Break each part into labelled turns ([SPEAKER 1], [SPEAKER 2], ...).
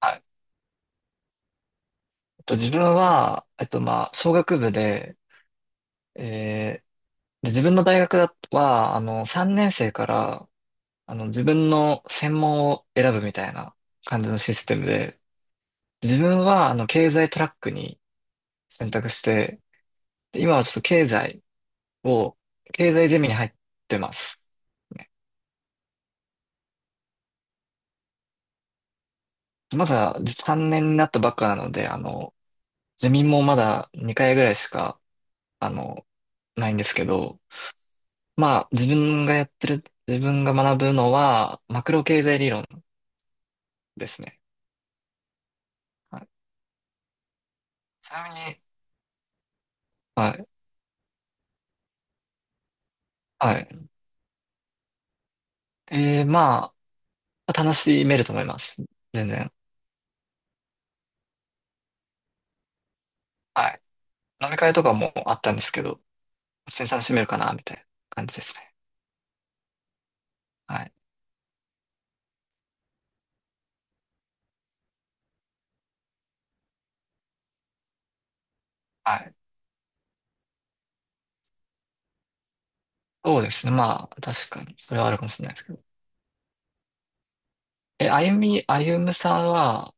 [SPEAKER 1] はい。自分は、まあ、商学部で、えーで、自分の大学だは、3年生から、自分の専門を選ぶみたいな感じのシステムで、自分は、経済トラックに選択して、で今はちょっとを、経済ゼミに入ってます。ねまだ3年になったばっかなので、ゼミもまだ2回ぐらいしかあの、ないんですけど、まあ、自分がやってる、自分が学ぶのは、マクロ経済理論ですね。はい。ちなみに、はい、はい。まあ、楽しめると思います。全然。はい。飲み会とかもあったんですけど、普通に楽しめるかな、みたいな感じですね。はい。はい。そうですね。まあ、確かに、それはあるかもしれないですけど。え、あゆみ、あゆむさんは、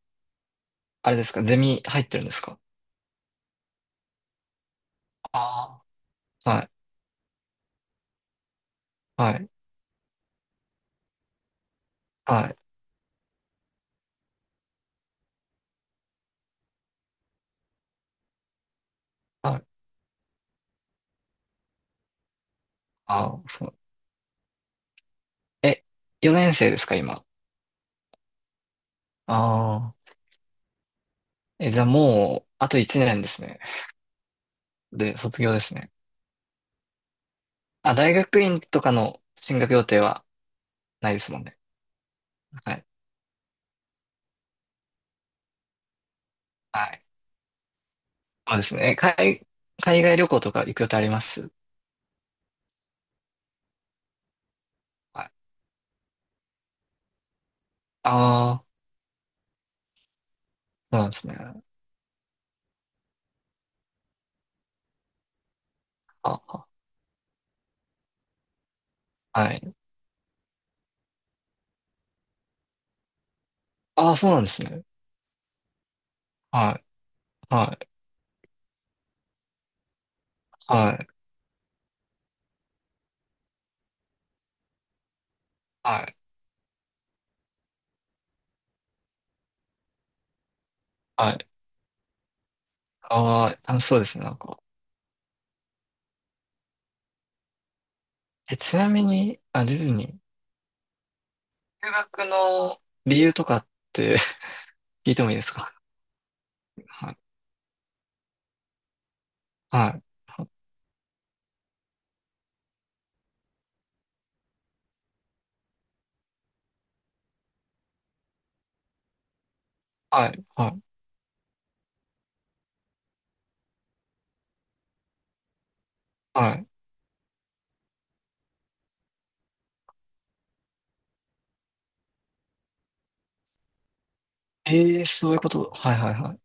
[SPEAKER 1] あれですか、ゼミ入ってるんですか？ああー。はい。はい。はい。はい。ああ、そう。え、4年生ですか、今。ああ。え、じゃあもう、あと1年ですね。で、卒業ですね。あ、大学院とかの進学予定はないですもんね。はい。はい。そうですね。海外旅行とか行く予定あります？はい。ああ、そうなんですね。あ、はい。ああ、そうなんですね。はい。はい。はい。はい。はい。ああ、楽しそうですね、なんか。え、ちなみに、あ、ディズニー。留学の理由とかって 聞いてもいいですか？はい。はい。はい、はい、はい。ええ、そういうこと。はい、はい、はい。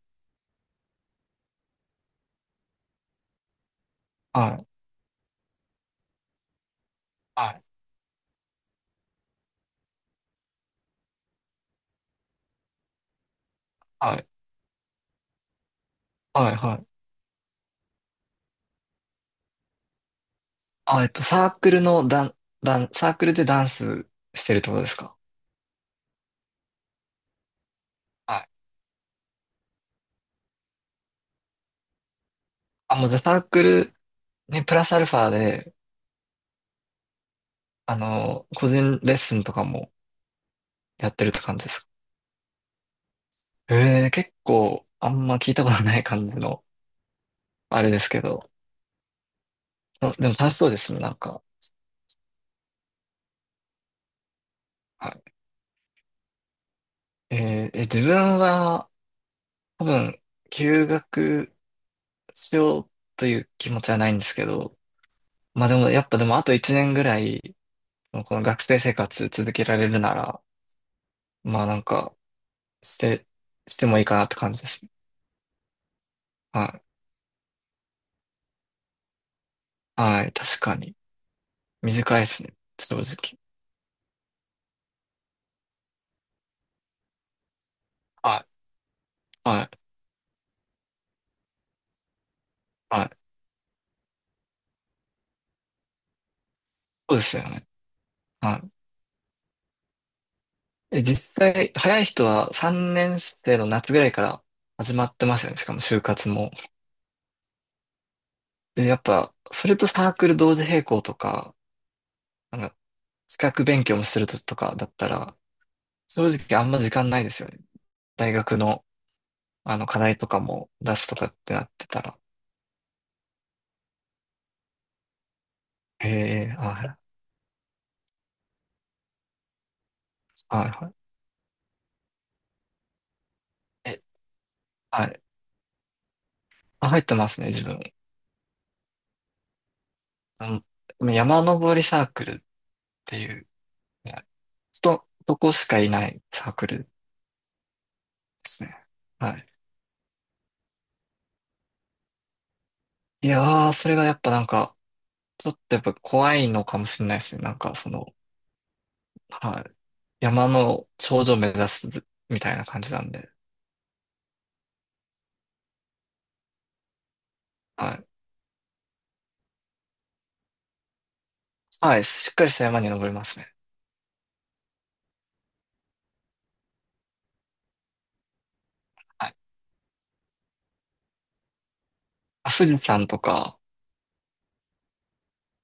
[SPEAKER 1] はい、はい、はい、はい、はい。あ、サークルでダンスしてるってことですか？はい。あ、もうじゃあサークル、ね、プラスアルファで、個人レッスンとかもやってるって感じですか？ええ、結構、あんま聞いたことない感じの、あれですけど。あでも楽しそうですね、なんか。はい。えーえ、自分は、多分、休学しようという気持ちはないんですけど、まあでも、やっぱでもあと1年ぐらい、この学生生活続けられるなら、まあなんか、して、してもいいかなって感じですね。はい。はい。確かに。短いですね。正直。はい。はい。はい。そうですよね。はい。え、実際、早い人は3年生の夏ぐらいから始まってますよね。しかも就活も。で、やっぱ、それとサークル同時並行とか、なんか、資格勉強もするととかだったら、正直あんま時間ないですよね。大学の課題とかも出すとかってなってたら。へえ、はい、はい、はい。え、はい。あ、入ってますね、自分。あ山登りサークルっていう、いやとこしかいないサークルですね。はい。いやー、それがやっぱなんか、ちょっとやっぱ怖いのかもしれないですね。なんかその、はい。山の頂上目指すみたいな感じなんで。はい。はい。しっかりした山に登りますね。はい。あ、富士山とか、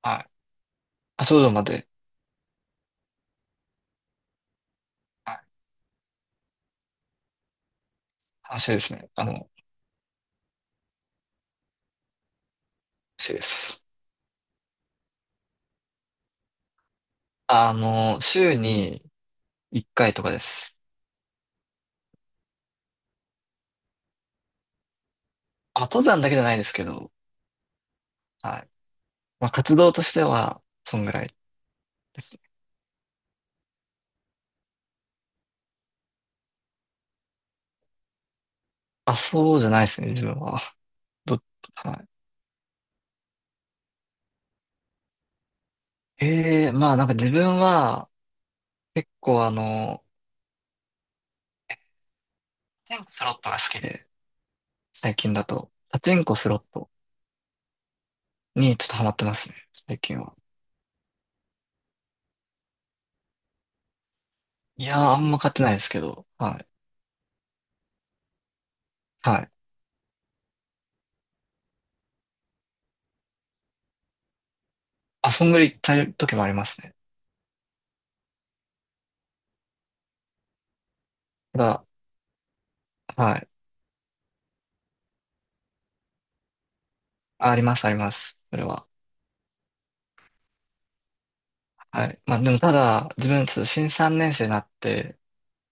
[SPEAKER 1] はい。あ、頂上まで。話ですね。話です。週に1回とかです。あ、登山だけじゃないですけど、はい。まあ、活動としては、そんぐらいですね。あ、そうじゃないですね、自分は。ど、はい。ええ、まあなんか自分は、結構パチンコスロットが好きで、最近だと、パチンコスロットにちょっとハマってますね、最近は。いやー、あんま勝ってないですけど、はい。はい。遊んぐり行った時もありますね。ただ、はい。あります、あります。それは。はい。まあでもただ、自分、ちょっと新3年生になって、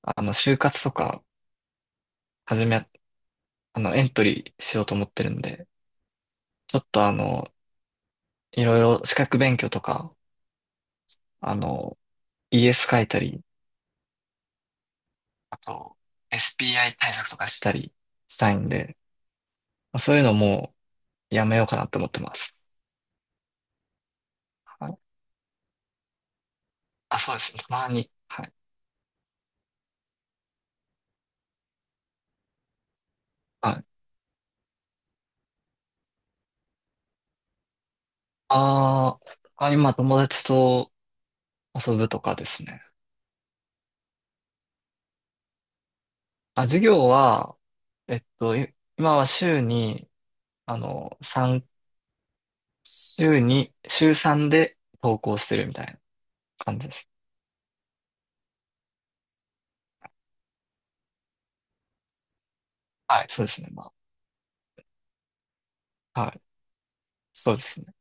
[SPEAKER 1] 就活とか、始め、あの、エントリーしようと思ってるんで、ちょっといろいろ資格勉強とか、あの、ES 書いたり、あと、SPI 対策とかしたりしたいんで、まあ、そういうのもうやめようかなと思ってます。はい。あ、そうですね。たまに。はい。はい。あー、他にまあ友達と遊ぶとかですね。あ、授業は、今は週に、あの、三週3で投稿してるみたいな感じです。はい、そうですね。まあ、はい、そうですね。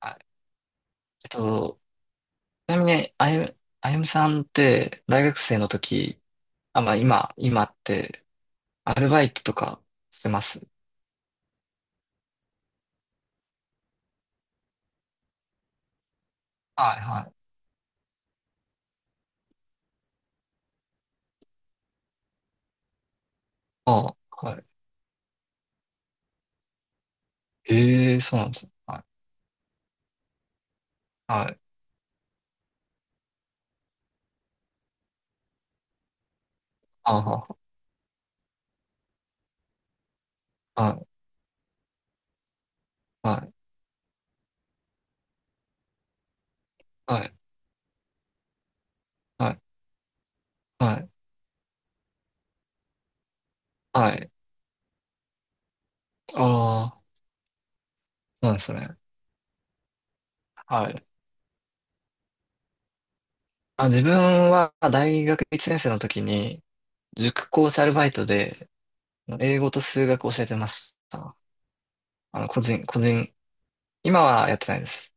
[SPEAKER 1] はい。えっと、ちなみに、あゆむさんって、大学生の時、あ、まあ今って、アルバイトとかしてます？はい、はい。ああ、はい。ええそうなんですね。はい、はい。ああ、はい、はい、はい、はい、はい。はい。ああ、そうなんですね。はい。あ、自分は大学1年生の時に、塾講師アルバイトで、英語と数学を教えてました。個人、今はやってないです。